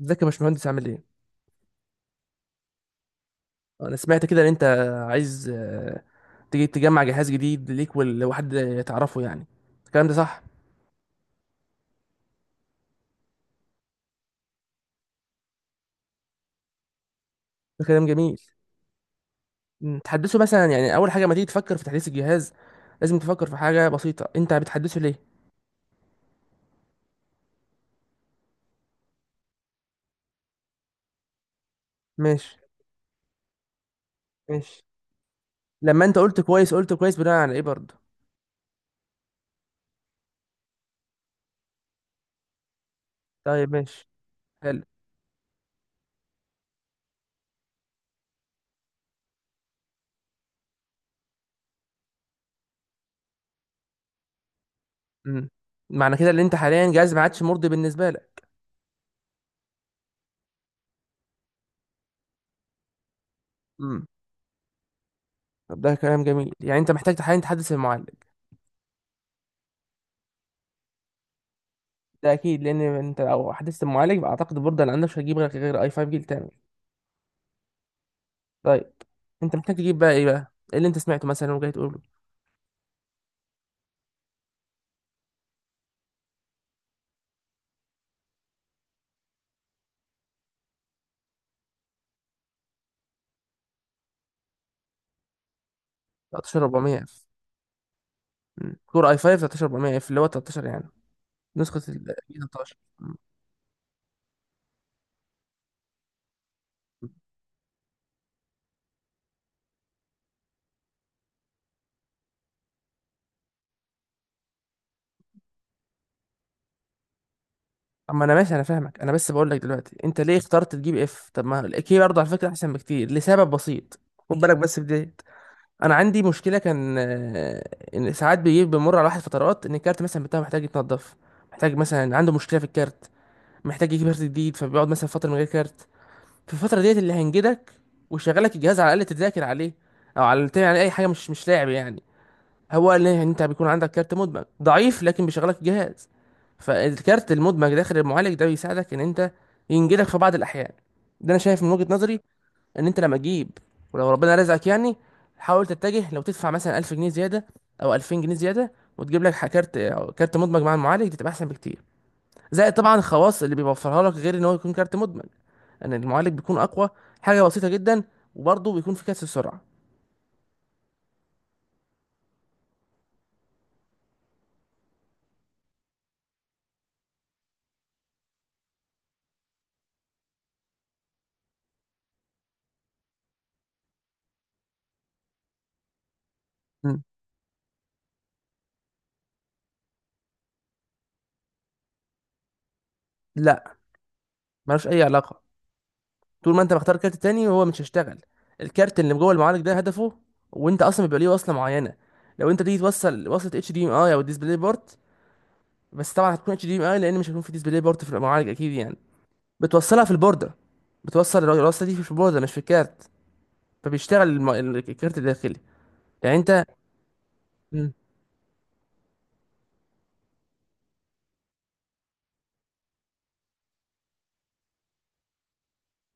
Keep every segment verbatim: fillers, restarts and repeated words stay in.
تذكر مش مهندس عملين؟ نسميتها كذا اللي أنت عايز تيجي تجمع جهاز جديد ليك ولا واحد يتعرفه يعني. الكلام ده صح؟ الكلام جميل. م، تحدثه، بس أنا يعني أول حاجة ما تيجي تفكر في تحديث الجهاز لازم تفكر في حاجة بسيطة. أنت بتحدسه ليه؟ مش مش. لما أنت قلت كويس قلت كويس بنا عن أي برد. ده مش هل؟ أمم معنا كذا اللي أنت حاليا جاز بعدش مردي بالنسبة لك. أمم هذا كلام جميل. يعني أنت محتاجة حاليا تحدث المال. ده اكيد، لان انت لو حدثت المعالج اعتقد البورده اللي عندك مش هتجيب غير غير اي خمسة جيل تاني. طيب انت محتاج تجيب بقى ايه بقى ايه اللي انت سمعته مثلا وجاي تقول له؟ ثلاثة عشر اربعمية اف؟ كور اي خمسة ثلاثة عشر اربعمية اف اللي هو ثلاثة عشر يعني، نسخه ال ثلاتاشر. مم. اما انا ماشي، انا فاهمك، انا بس بقول لك دلوقتي انت ليه اخترت تجيب اف؟ طب ما الاكي برضه على فكره احسن بكتير لسبب بسيط. خد بالك بس في ديت. انا عندي مشكله كان آه، ان ساعات بيجي بمر على واحد فترات ان الكارت مثلا بتاعه محتاج يتنضف، محتاج مثلا عنده مشكله في الكارت، محتاج يجيب كارت جديد، فبيقعد مثلا فتره من غير كارت. في الفتره ديت اللي هينجدك ويشغلك الجهاز على الاقل تذاكر عليه، او على يعني اي حاجه، مش مش لاعب يعني. هو قال لي ان انت بيكون عندك كارت مدمج ضعيف لكن بيشغلك الجهاز، فالكارت المدمج داخل المعالج ده بيساعدك ان انت ينجدك في بعض الاحيان. ده انا شايف من وجهة نظري ان انت لما تجيب، ولو ربنا رزقك يعني، حاول تتجه لو تدفع مثلا الف جنيه زياده او الفين جنيه زياده وتجيب لك ح- كارت، كارت مدمج مع المعالج، دي تبقى احسن بكتير. زائد طبعا الخواص اللي بيوفرها لك غير ان هو يكون كارت مدمج، ان المعالج بيكون اقوى، حاجه بسيطه جدا، وبرضه بيكون في كاس السرعه. مم. لا، ملوش اي علاقه. طول ما انت مختار كارت تاني هو مش هيشتغل. الكارت اللي جوه المعالج ده هدفه، وانت اصلا بيبقى ليه وصله معينه. لو انت تيجي توصل وصله اتش دي ام اي او ديسبلاي بورت، بس طبعا هتكون اتش دي ام اي لان مش هيكون في ديسبلاي بورت في المعالج اكيد يعني، بتوصلها في البورده. بتوصل الوصله دي في البورده مش في الكارت، فبيشتغل الم- الكارت الداخلي. يعني انت، مم.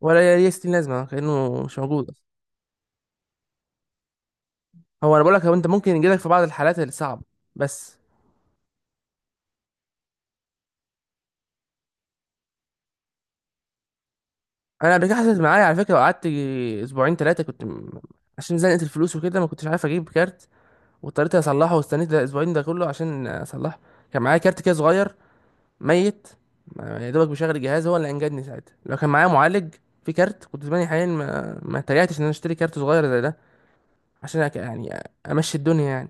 ولا ليه ستين لازمة، كأنه مش موجود أصلا. هو أنا بقولك، هو أنت ممكن يجيلك في بعض الحالات الصعبة بس. أنا قبل كده حصلت معايا على فكرة وقعدت أسبوعين تلاتة كنت م- عشان زنقت الفلوس وكده ما كنتش عارف أجيب كارت، واضطريت أصلحه واستنيت الأسبوعين ده كله عشان أصلحه. كان معايا كارت كده صغير ميت، ما- يا دوبك بيشغل الجهاز، هو اللي أنجدني ساعتها. لو كان معايا معالج في كارت كنت زماني حاليا ما ما اتريقتش إن أنا أشتري كارت صغير زي ده عشان أك- يعني أمشي الدنيا يعني.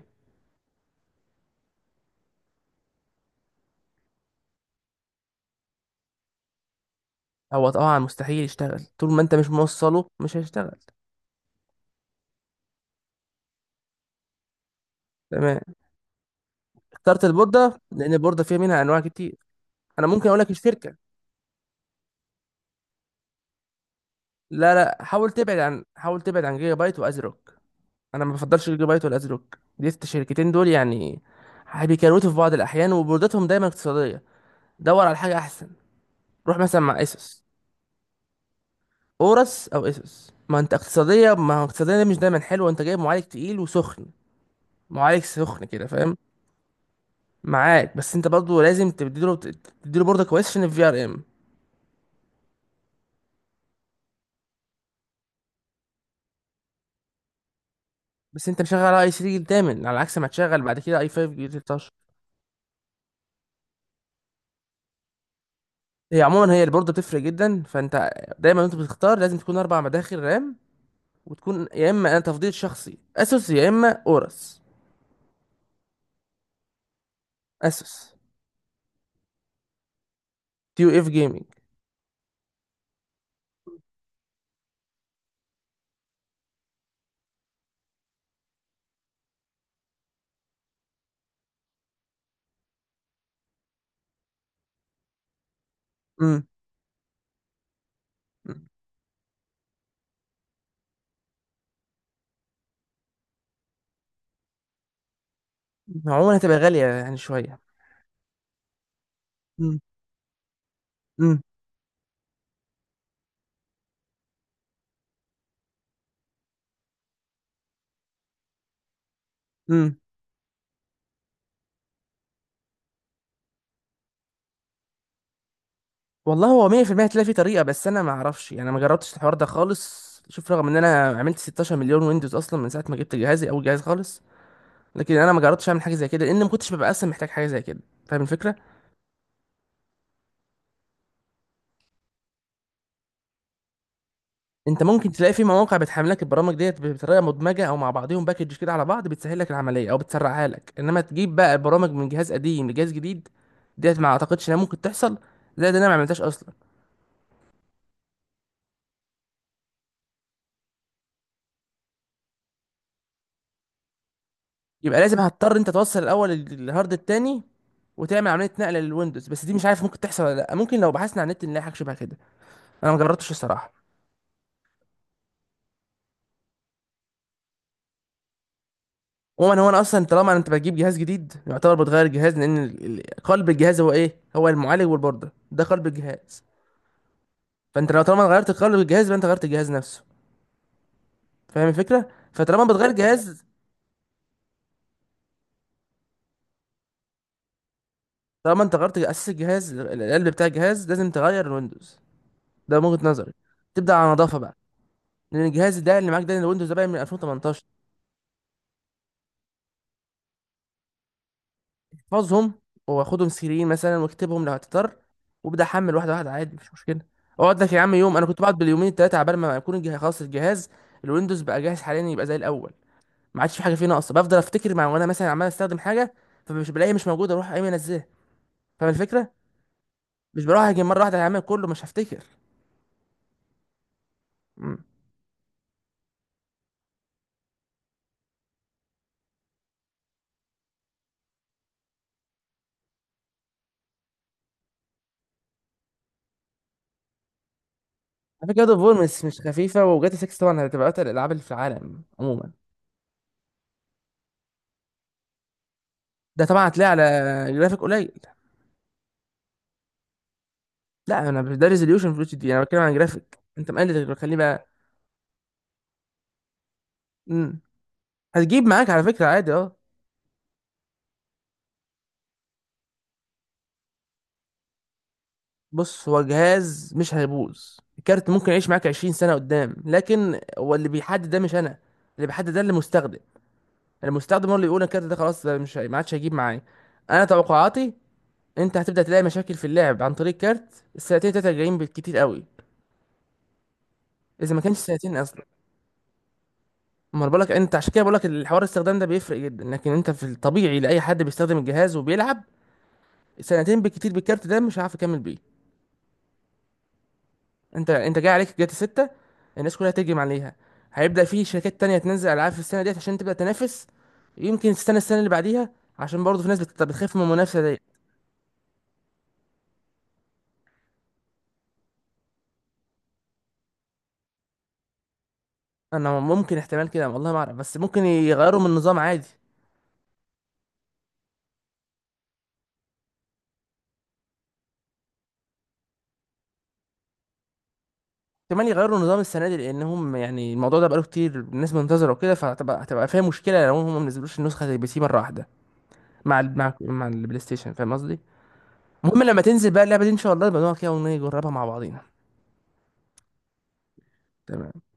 هو طبعا مستحيل يشتغل، طول ما أنت مش موصله مش هيشتغل. تمام. اخترت البوردة؟ لأن البوردة فيها منها أنواع كتير. أنا ممكن أقول لك الشركة. لا لا، حاول تبعد عن حاول تبعد عن جيجا بايت وأزروك. أنا ما بفضلش جيجا بايت ولا أزروك، دي الشركتين دول يعني بيكروتوا في بعض الأحيان وبوردتهم دايما اقتصادية. دور على حاجة أحسن. روح مثلا مع إيسوس، أورس أو إيسوس. ما أنت اقتصادية، ما هو اقتصادية دي مش دايما حلوة. أنت جايب معالج تقيل وسخن، معالج سخن كده فاهم معاك، بس أنت برضه لازم تديله تديله بوردة كويسة عشان الفي ار ام. بس انت مشغل اي ثلاثة جيل تامن، على عكس ما تشغل بعد كده اي خمسة جيل ثلاتاشر. هي عموما هي البوردة بتفرق جدا، فانت دايما وانت بتختار لازم تكون اربع مداخل رام، وتكون يا اما، انا تفضيل شخصي، اسوس يا اما اورس. اسوس تيو اف جيمنج. امم عموما هتبقى غالية يعني شوية. امم امم امم والله هو مية في المية هتلاقي في طريقة، بس انا ما اعرفش، انا ما جربتش الحوار ده خالص. شوف، رغم ان انا عملت ستاشر مليون ويندوز اصلا من ساعة ما جبت جهازي اول جهاز خالص، لكن انا ما جربتش اعمل حاجه زي كده لان ما كنتش ببقى اصلا محتاج حاجه زي كده. فاهم الفكره. انت ممكن تلاقي في مواقع بتحمل لك البرامج ديت بطريقه مدمجه، او مع بعضهم باكج كده على بعض، بتسهل لك العمليه او بتسرعها لك، انما تجيب بقى برامج من جهاز قديم لجهاز جديد ديت ما اعتقدش انها ممكن تحصل، زائد إن انا ما عملتهاش اصلا. يبقى لازم هتضطر انت توصل الاول الهارد التاني، وتعمل عمليه نقل للويندوز، بس دي مش عارف ممكن تحصل ولا لا. ممكن لو بحثنا على النت نلاقي حاجه شبه كده. انا ما جربتش الصراحه. عموما هو، انا اصلا طالما انت بتجيب جهاز جديد، يعتبر بتغير الجهاز، لان ال- ال- قلب الجهاز هو ايه، هو المعالج والبوردة، ده قلب الجهاز. فانت لو طالما غيرت قلب الجهاز، يبقى انت غيرت الجهاز نفسه. فاهم الفكره؟ فطالما بتغير الجهاز، طالما انت غيرت اساس الجهاز، ال- القلب بتاع الجهاز، لازم تغير الويندوز. ده من وجهة نظري. تبدا على نظافه بقى، لان الجهاز ده اللي معاك، ده الويندوز ده بقى من الفين وتمنتاشر. احفظهم، واخدهم سيرين مثلا واكتبهم لو هتضطر، وابدا احمل واحده واحده عادي مفيش مشكله. اقعد لك يا عم يوم، انا كنت بقعد باليومين التلاته عبال ما يكون الجهاز خلاص، الجهاز الويندوز بقى جاهز حاليا يبقى زي الاول. ما عادش في حاجه فيه ناقصه بفضل افتكر، مع وانا مثلا عمال استخدم حاجه فمش بلاقيها، مش موجوده، اروح قايم انزلها. فاهم الفكره؟ مش بروح اجي مره واحده هعمل كله، مش هفتكر. مم. على فكره جاد اوف وور مش مش خفيفه، وجاتا ستة طبعا هتبقى اتقل الالعاب اللي في العالم عموما. ده طبعا هتلاقي على جرافيك قليل. لا، انا مش- ده ريزوليوشن في الاتش دي، انا بتكلم عن جرافيك. انت مقلل، خليه بقى. امم هتجيب معاك على فكرة عادي، اه. بص، هو جهاز مش هيبوظ، الكارت ممكن يعيش معاك عشرين سنة قدام، لكن هو اللي بيحدد ده مش انا. اللي بيحدد ده المستخدم. المستخدم هو اللي يقول الكارت ده خلاص، ده مش هي- ما عادش هيجيب معايا. انا توقعاتي انت هتبدأ تلاقي مشاكل في اللعب عن طريق كارت السنتين تلاتة جايين بالكتير قوي، اذا ما كانش سنتين اصلا. امال بقولك انت، عشان كده بقولك الحوار الاستخدام ده بيفرق جدا، لكن انت في الطبيعي لاي حد بيستخدم الجهاز وبيلعب سنتين بالكتير بالكارت ده مش هيعرف يكمل بيه. انت انت جاي عليك جاتا ستة، الناس كلها تهجم عليها، هيبدأ في شركات تانية تنزل ألعاب في السنة ديت عشان تبدأ تنافس. يمكن تستنى السنة اللي بعديها، عشان برضه في ناس بت- بتخاف من المنافسة دي. أنا ممكن احتمال كده، والله ما أعرف، بس ممكن يغيروا من النظام عادي. احتمال يغيروا النظام السنة دي، لأنهم يعني الموضوع ده بقاله كتير الناس منتظرة وكده، فهتبقى هتبقى فيها مشكلة لو هم ما نزلوش النسخة زي البي سي مرة واحدة مع ال... مع مع البلاي ستيشن. فاهم قصدي؟ المهم لما تنزل بقى اللعبة دي إن شاء الله نبقى نقعد كده ونجربها مع بعضينا. تمام.